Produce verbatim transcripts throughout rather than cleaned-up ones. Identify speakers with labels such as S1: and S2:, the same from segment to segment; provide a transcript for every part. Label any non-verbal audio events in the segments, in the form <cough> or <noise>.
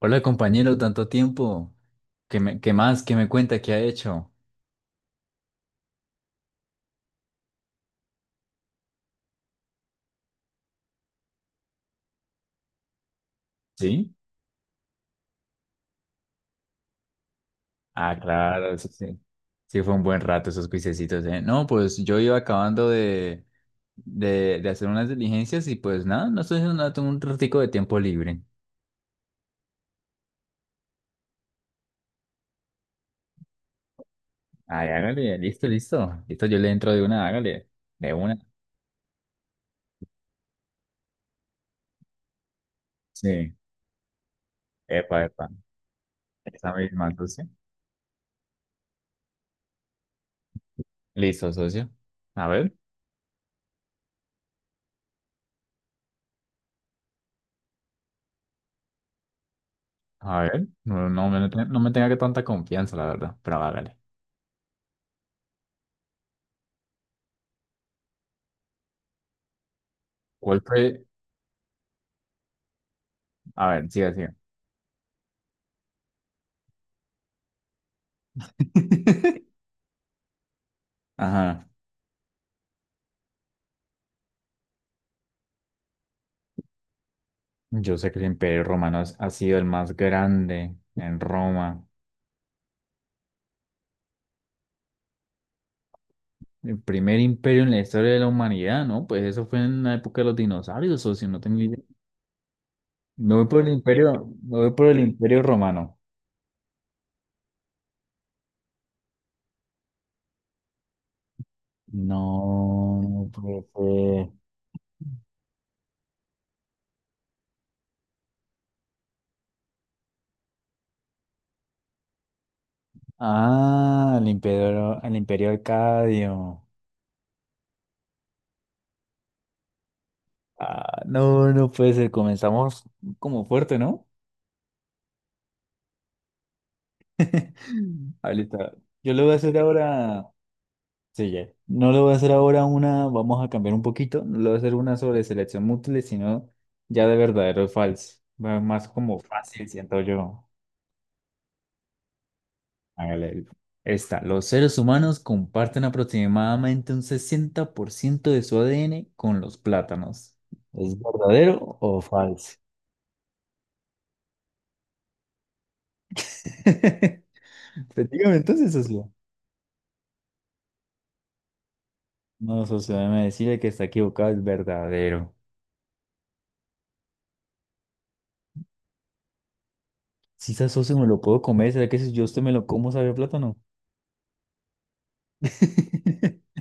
S1: Hola compañero, tanto tiempo. ¿Qué me- ¿qué más? ¿Qué me cuenta? ¿Qué ha hecho? ¿Sí? Ah, claro, sí, sí. Sí, fue un buen rato esos cuisecitos, ¿eh? No, pues yo iba acabando de, de, de hacer unas diligencias y pues nada, no estoy haciendo nada, tengo un ratico de tiempo libre. Ay, hágale, listo, listo. Listo, yo le entro de una, hágale, de una. Sí, epa, epa. Esa misma, socio. Listo, socio. A ver, a ver. No, no me, no me tenga que tanta confianza, la verdad, pero hágale. ¿Cuál fue? A ver, sigue, sigue. <laughs> Ajá. Yo sé que el Imperio Romano es- ha sido el más grande en Roma. El primer imperio en la historia de la humanidad, ¿no? Pues eso fue en la época de los dinosaurios, o si no tengo idea. Me voy por el imperio, Me voy por el imperio romano. No, pues, eh, Ah, el imperio, el imperio arcadio. Ah, no, no puede ser. Comenzamos como fuerte, ¿no? <laughs> Mm. Ah, listo. Yo le voy a hacer ahora Sí, ya. No le voy a hacer ahora una, vamos a cambiar un poquito, no le voy a hacer una sobre selección múltiple, sino ya de verdadero o falso. Va más como fácil, siento yo. Hágale. Esta, los seres humanos comparten aproximadamente un sesenta por ciento de su A D N con los plátanos. ¿Es verdadero o falso? <laughs> Efectivamente, entonces, socio. No, socio, déjeme decirle que está equivocado, es verdadero. Si esa socio me lo puedo comer, ¿será que si yo a usted me lo como sabe a plátano? <laughs>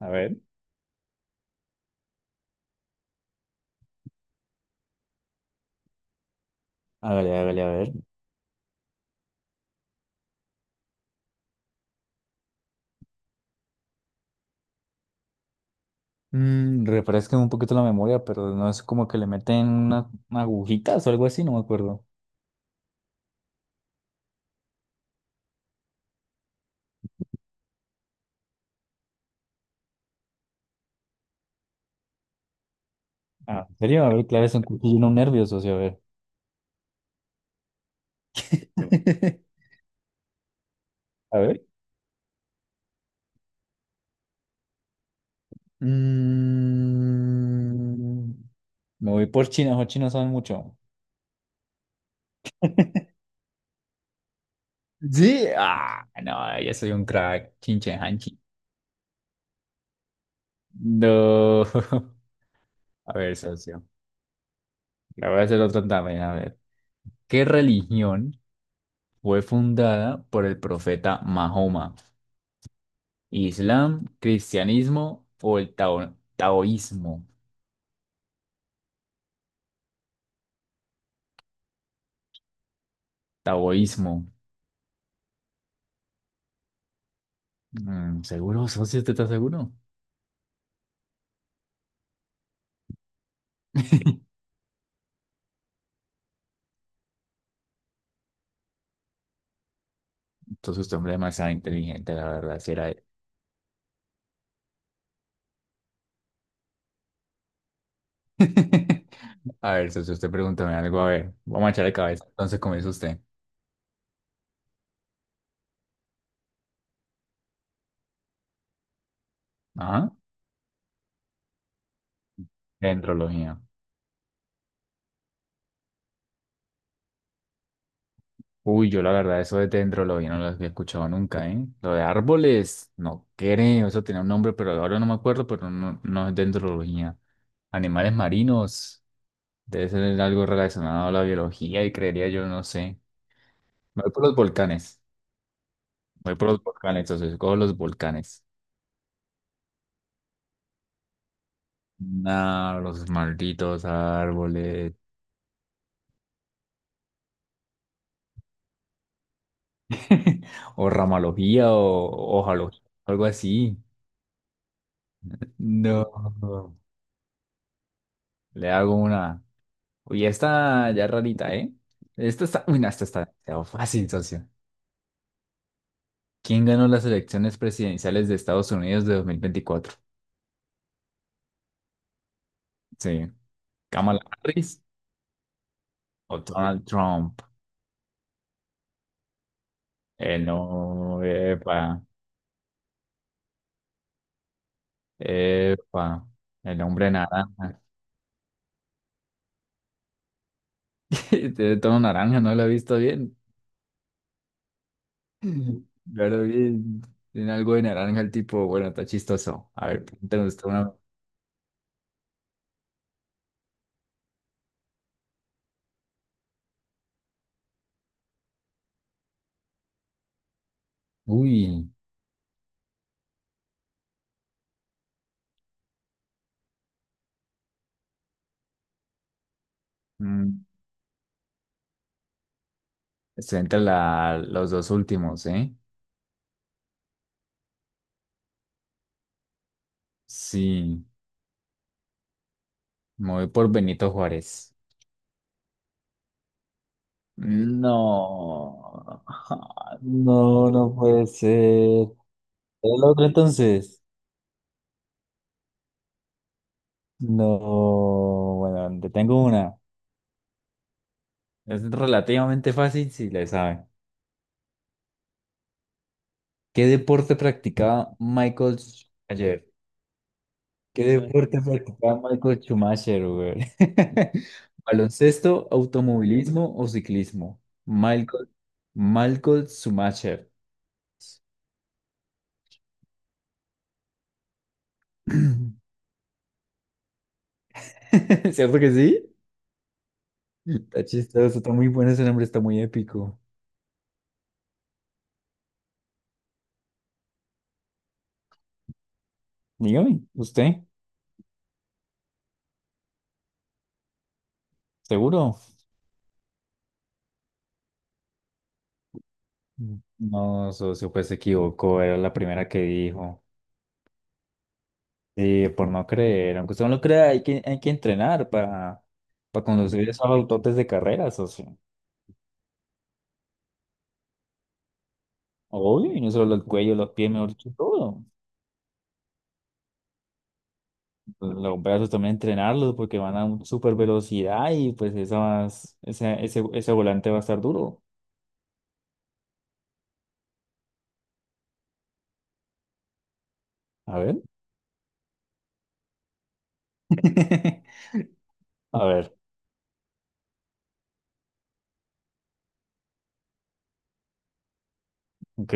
S1: A ver. Hágale, hágale, a ver. Mm, refresquen un poquito la memoria, pero no es como que le meten una, una agujitas o algo así, no me acuerdo. Ah. ¿En serio? A ver, claro, es un nervioso, nervios, socio, a ver. <laughs> A ver. Mm, me voy por China, los chinos saben mucho. Sí. Ah, no, yo soy un crack. Chinche Hanchi. No. <laughs> A ver, socio. La voy a hacer otra también. A ver. ¿Qué religión fue fundada por el profeta Mahoma? Islam, cristianismo o el tao- taoísmo. Taoísmo. Mm, ¿seguro, socio? ¿Usted está seguro? Entonces usted es hombre demasiado inteligente, la verdad, si era él. <laughs> A ver, socio, usted pregúntame algo, a ver. Vamos a echarle cabeza. Entonces comienza usted. Ajá. Dendrología. Uy, yo la verdad, eso de dendrología no lo había escuchado nunca, ¿eh? Lo de árboles, no creo, eso tenía un nombre, pero ahora no me acuerdo, pero no, no es dendrología. Animales marinos. Debe ser algo relacionado a la biología y creería yo, no sé. Me voy por los volcanes. Me voy por los volcanes, entonces escojo los volcanes. Nah, los malditos árboles. <laughs> O ramalogía o hojalogía, algo así. No. Le hago una. Uy, esta ya rarita, ¿eh? Esta está. Uy, no, esta está demasiado fácil, socio. ¿Quién ganó las elecciones presidenciales de Estados Unidos de dos mil veinticuatro? Sí. ¿Kamala Harris o Donald Trump? El no, epa, epa, el hombre naranja. <laughs> Tiene tono naranja, no lo he visto bien. <clears throat> Yo lo vi, tiene algo de naranja el tipo, bueno, está chistoso. A ver, pregúntame usted una. Uy, mm, estoy entre la, los dos últimos, ¿eh? Sí, me voy por Benito Juárez. No, <laughs> no, no puede ser. ¿Es ¿El otro entonces? No, bueno, te tengo una. Es relativamente fácil si le saben. ¿Qué deporte practicaba Michael Schumacher? ¿Qué deporte practicaba Michael Schumacher, güey? <laughs> ¿Baloncesto, automovilismo o ciclismo? Michael, Michael Schumacher. <clears throat> ¿Cierto que sí? Está chistoso, está muy bueno ese nombre, está muy épico. Dígame, ¿usted? ¿Seguro? No, socio, pues se equivocó, era la primera que dijo. Sí, por no creer, aunque usted no lo crea, hay que, hay que entrenar para, para conducir esos autotes de carreras, o sea, obvio, y no solo el cuello, los pies, mejor dicho, todo. Pues, los brazos también entrenarlos porque van a una super velocidad y pues esas, ese, ese, ese volante va a estar duro. A ver, <laughs> a ver, ok.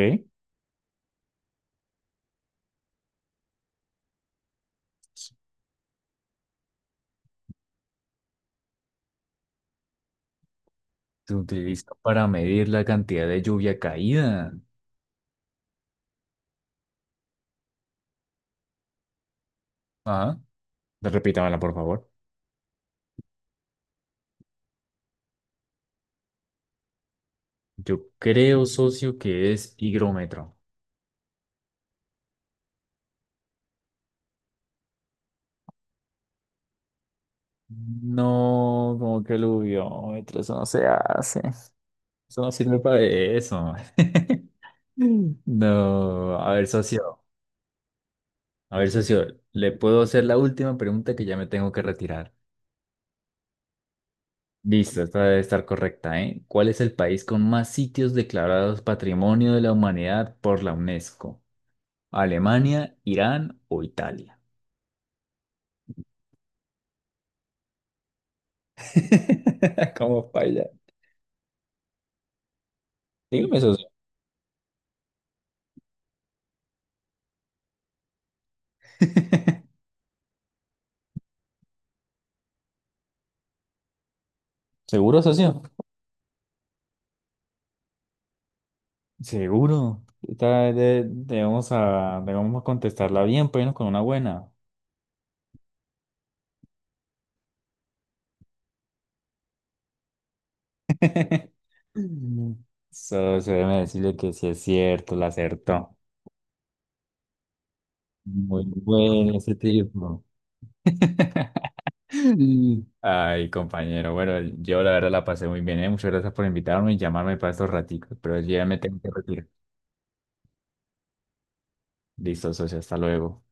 S1: Se utiliza para medir la cantidad de lluvia caída. Ajá. Repítamela, por favor. Yo creo, socio, que es higrómetro. No, como que luviómetro, eso no se hace. Eso no sirve para eso. Mm. No, a ver, socio. A ver, socio, le puedo hacer la última pregunta que ya me tengo que retirar. Listo, esta debe estar correcta, ¿eh? ¿Cuál es el país con más sitios declarados Patrimonio de la Humanidad por la UNESCO? ¿Alemania, Irán o Italia? <laughs> ¿Cómo baila? Dígame, socio. <laughs> ¿Seguro, socio? Seguro. Esta vez de- debemos, a, debemos contestarla bien, pues no con una buena. <laughs> Solo se debe decirle que sí es cierto, la acertó. Muy bueno ese tipo. <laughs> Ay, compañero, bueno, yo la verdad la pasé muy bien, ¿eh? Muchas gracias por invitarme y llamarme para estos raticos, pero yo ya me tengo que retirar. Listo, socio, hasta luego.